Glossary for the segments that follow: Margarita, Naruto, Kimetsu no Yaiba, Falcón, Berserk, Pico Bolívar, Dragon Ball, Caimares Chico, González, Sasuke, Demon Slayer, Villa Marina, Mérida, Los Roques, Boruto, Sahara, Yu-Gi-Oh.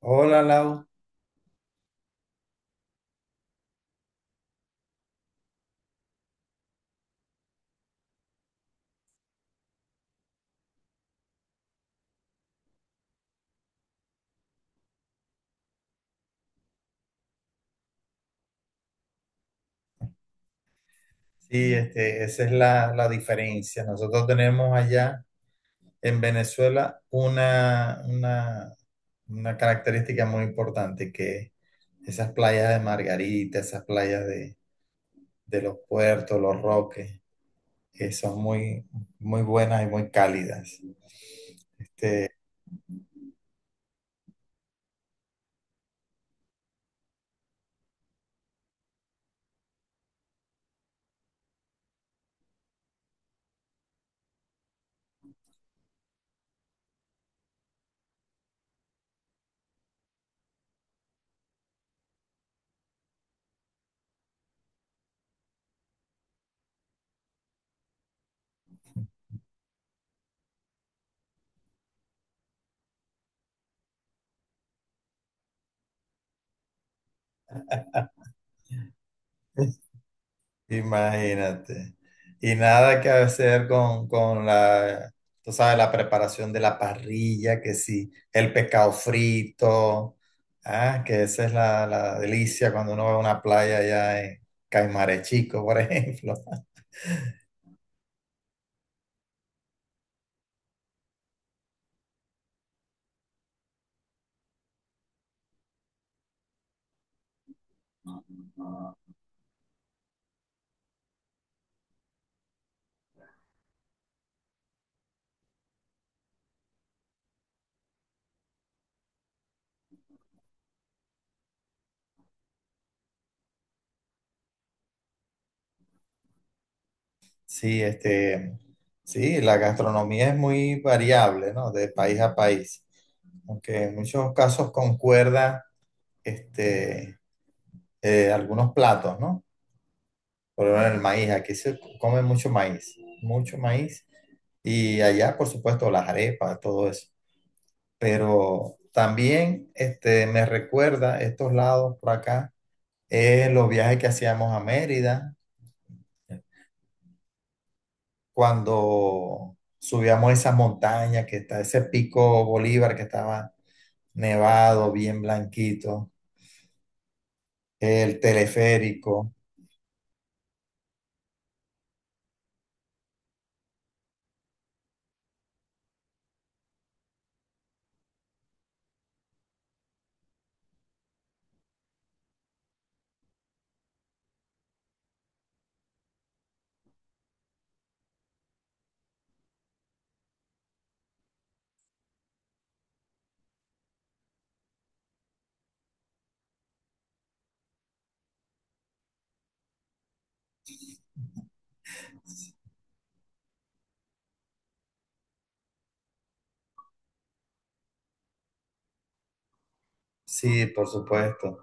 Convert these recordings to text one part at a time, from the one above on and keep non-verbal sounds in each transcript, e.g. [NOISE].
Hola, Lau. Sí, esa es la diferencia. Nosotros tenemos allá en Venezuela una característica muy importante que esas playas de Margarita, esas playas de los puertos, los Roques, que son muy buenas y muy cálidas. Este, [LAUGHS] Imagínate. Y nada que hacer con la, tú sabes, la preparación de la parrilla, que sí, el pescado frito, ah, que esa es la delicia cuando uno va a una playa allá en Caimares Chico, por ejemplo. [LAUGHS] Sí, sí, la gastronomía es muy variable, ¿no? De país a país. Aunque en muchos casos concuerda, este, algunos platos, ¿no? Por lo menos el maíz, aquí se come mucho maíz, mucho maíz. Y allá, por supuesto, las arepas, todo eso. Pero también me recuerda estos lados por acá, los viajes que hacíamos a Mérida, cuando subíamos esa montaña que está, ese pico Bolívar que estaba nevado, bien blanquito, el teleférico. Sí, por supuesto.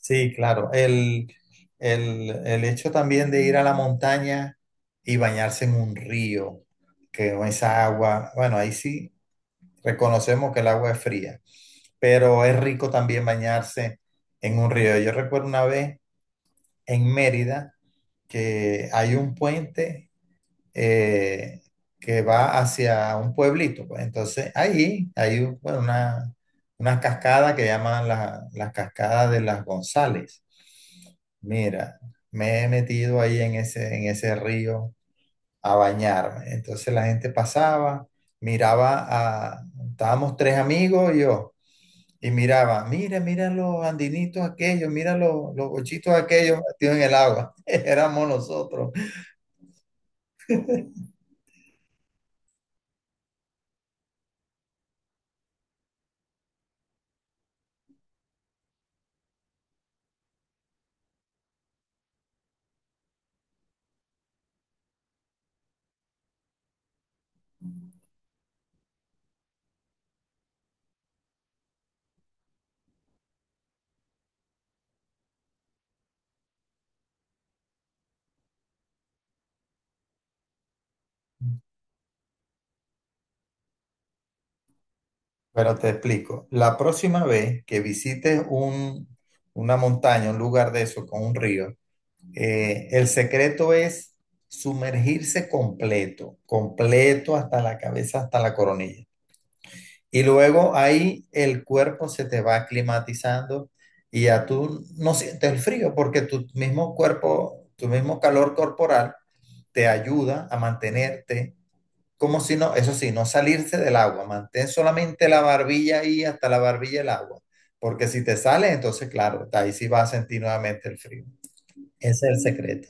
Sí, claro. El hecho también de ir a la montaña y bañarse en un río, que con esa agua, bueno, ahí sí reconocemos que el agua es fría, pero es rico también bañarse en un río. Yo recuerdo una vez en Mérida que hay un puente eh, que va hacia un pueblito, pues. Entonces ahí hay un- bueno, una cascada que llaman la cascada de las González. Mira, me he metido ahí en en ese río a bañarme. Entonces la gente pasaba, miraba a, estábamos tres amigos y yo, y miraba, mira, mira los andinitos aquellos, mira los bochitos aquellos metidos en el agua. [LAUGHS] Éramos nosotros. Pero te explico, la próxima vez que visites una montaña, un lugar de eso con un río, el secreto es sumergirse completo, completo hasta la cabeza, hasta la coronilla. Y luego ahí el cuerpo se te va aclimatizando y ya tú no sientes el frío porque tu mismo cuerpo, tu mismo calor corporal te ayuda a mantenerte como si no. Eso sí, no salirse del agua, mantén solamente la barbilla ahí hasta la barbilla del agua, porque si te sales, entonces claro, ahí sí vas a sentir nuevamente el frío. Ese es el secreto.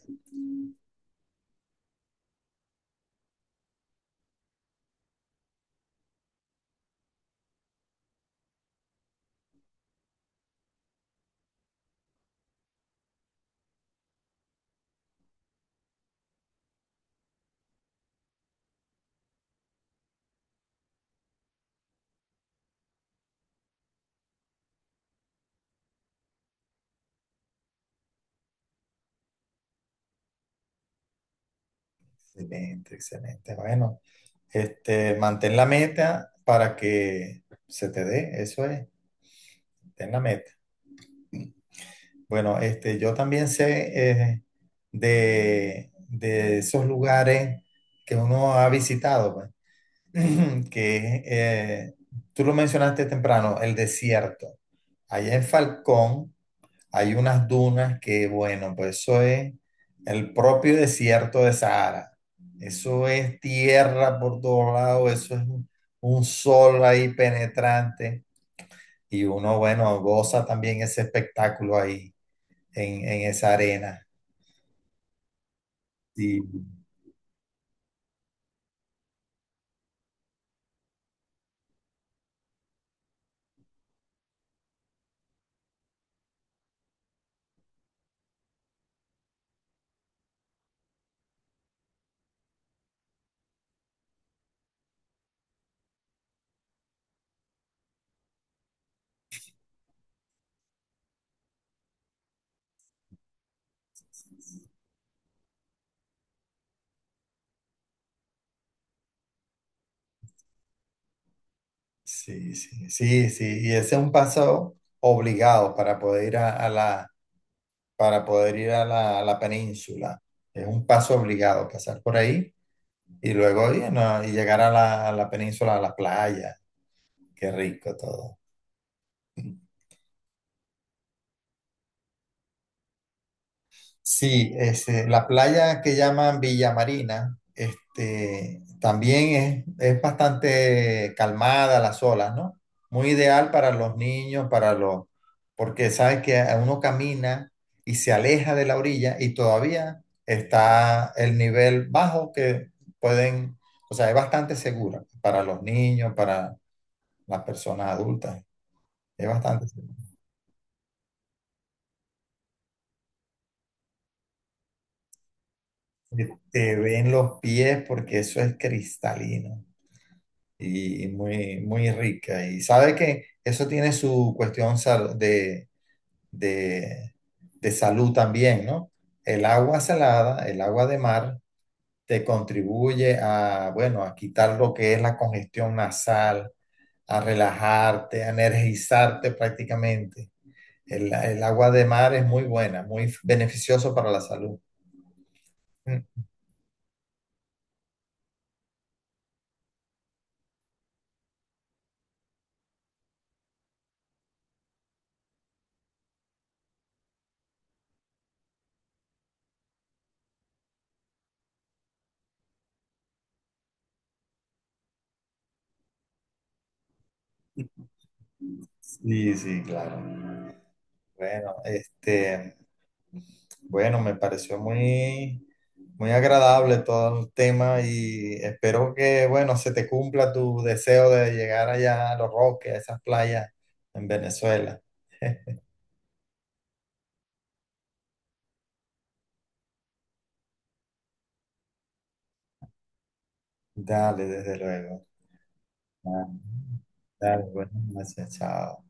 Excelente, excelente. Bueno, mantén la meta para que se te dé, eso es, ten la meta. Bueno, yo también sé de esos lugares que uno ha visitado, pues. [LAUGHS] [CLEARS THROAT] que tú lo mencionaste temprano, el desierto. Allá en Falcón hay unas dunas que, bueno, pues eso es el propio desierto de Sahara. Eso es tierra por todos lados, eso es un sol ahí penetrante y uno, bueno, goza también ese espectáculo ahí en esa arena. Sí, sí, sí, sí, sí. Y ese es un paso obligado para poder ir a la, para poder ir a a la península. Es un paso obligado, pasar por ahí y luego y, no, y llegar a a la península, a la playa. Qué rico todo. Sí, la playa que llaman Villa Marina, este, también es bastante calmada las olas, ¿no? Muy ideal para los niños, para los, porque sabes que uno camina y se aleja de la orilla y todavía está el nivel bajo que pueden, o sea, es bastante segura para los niños, para las personas adultas, es bastante segura. Te te ven los pies porque eso es cristalino. Y muy, muy rica. Y sabe que eso tiene su cuestión sal- de, de salud también, ¿no? El agua salada, el agua de mar, te contribuye a, bueno, a quitar lo que es la congestión nasal, a relajarte, a energizarte prácticamente. El agua de mar es muy buena, muy beneficioso para la salud. Mm. Sí, sí, claro. Bueno, este... Bueno, me pareció muy, muy agradable todo el tema y espero que, bueno, se te cumpla tu deseo de llegar allá a Los Roques, a esas playas en Venezuela. [LAUGHS] Dale, desde luego. Ah, dale, bueno, gracias, chao.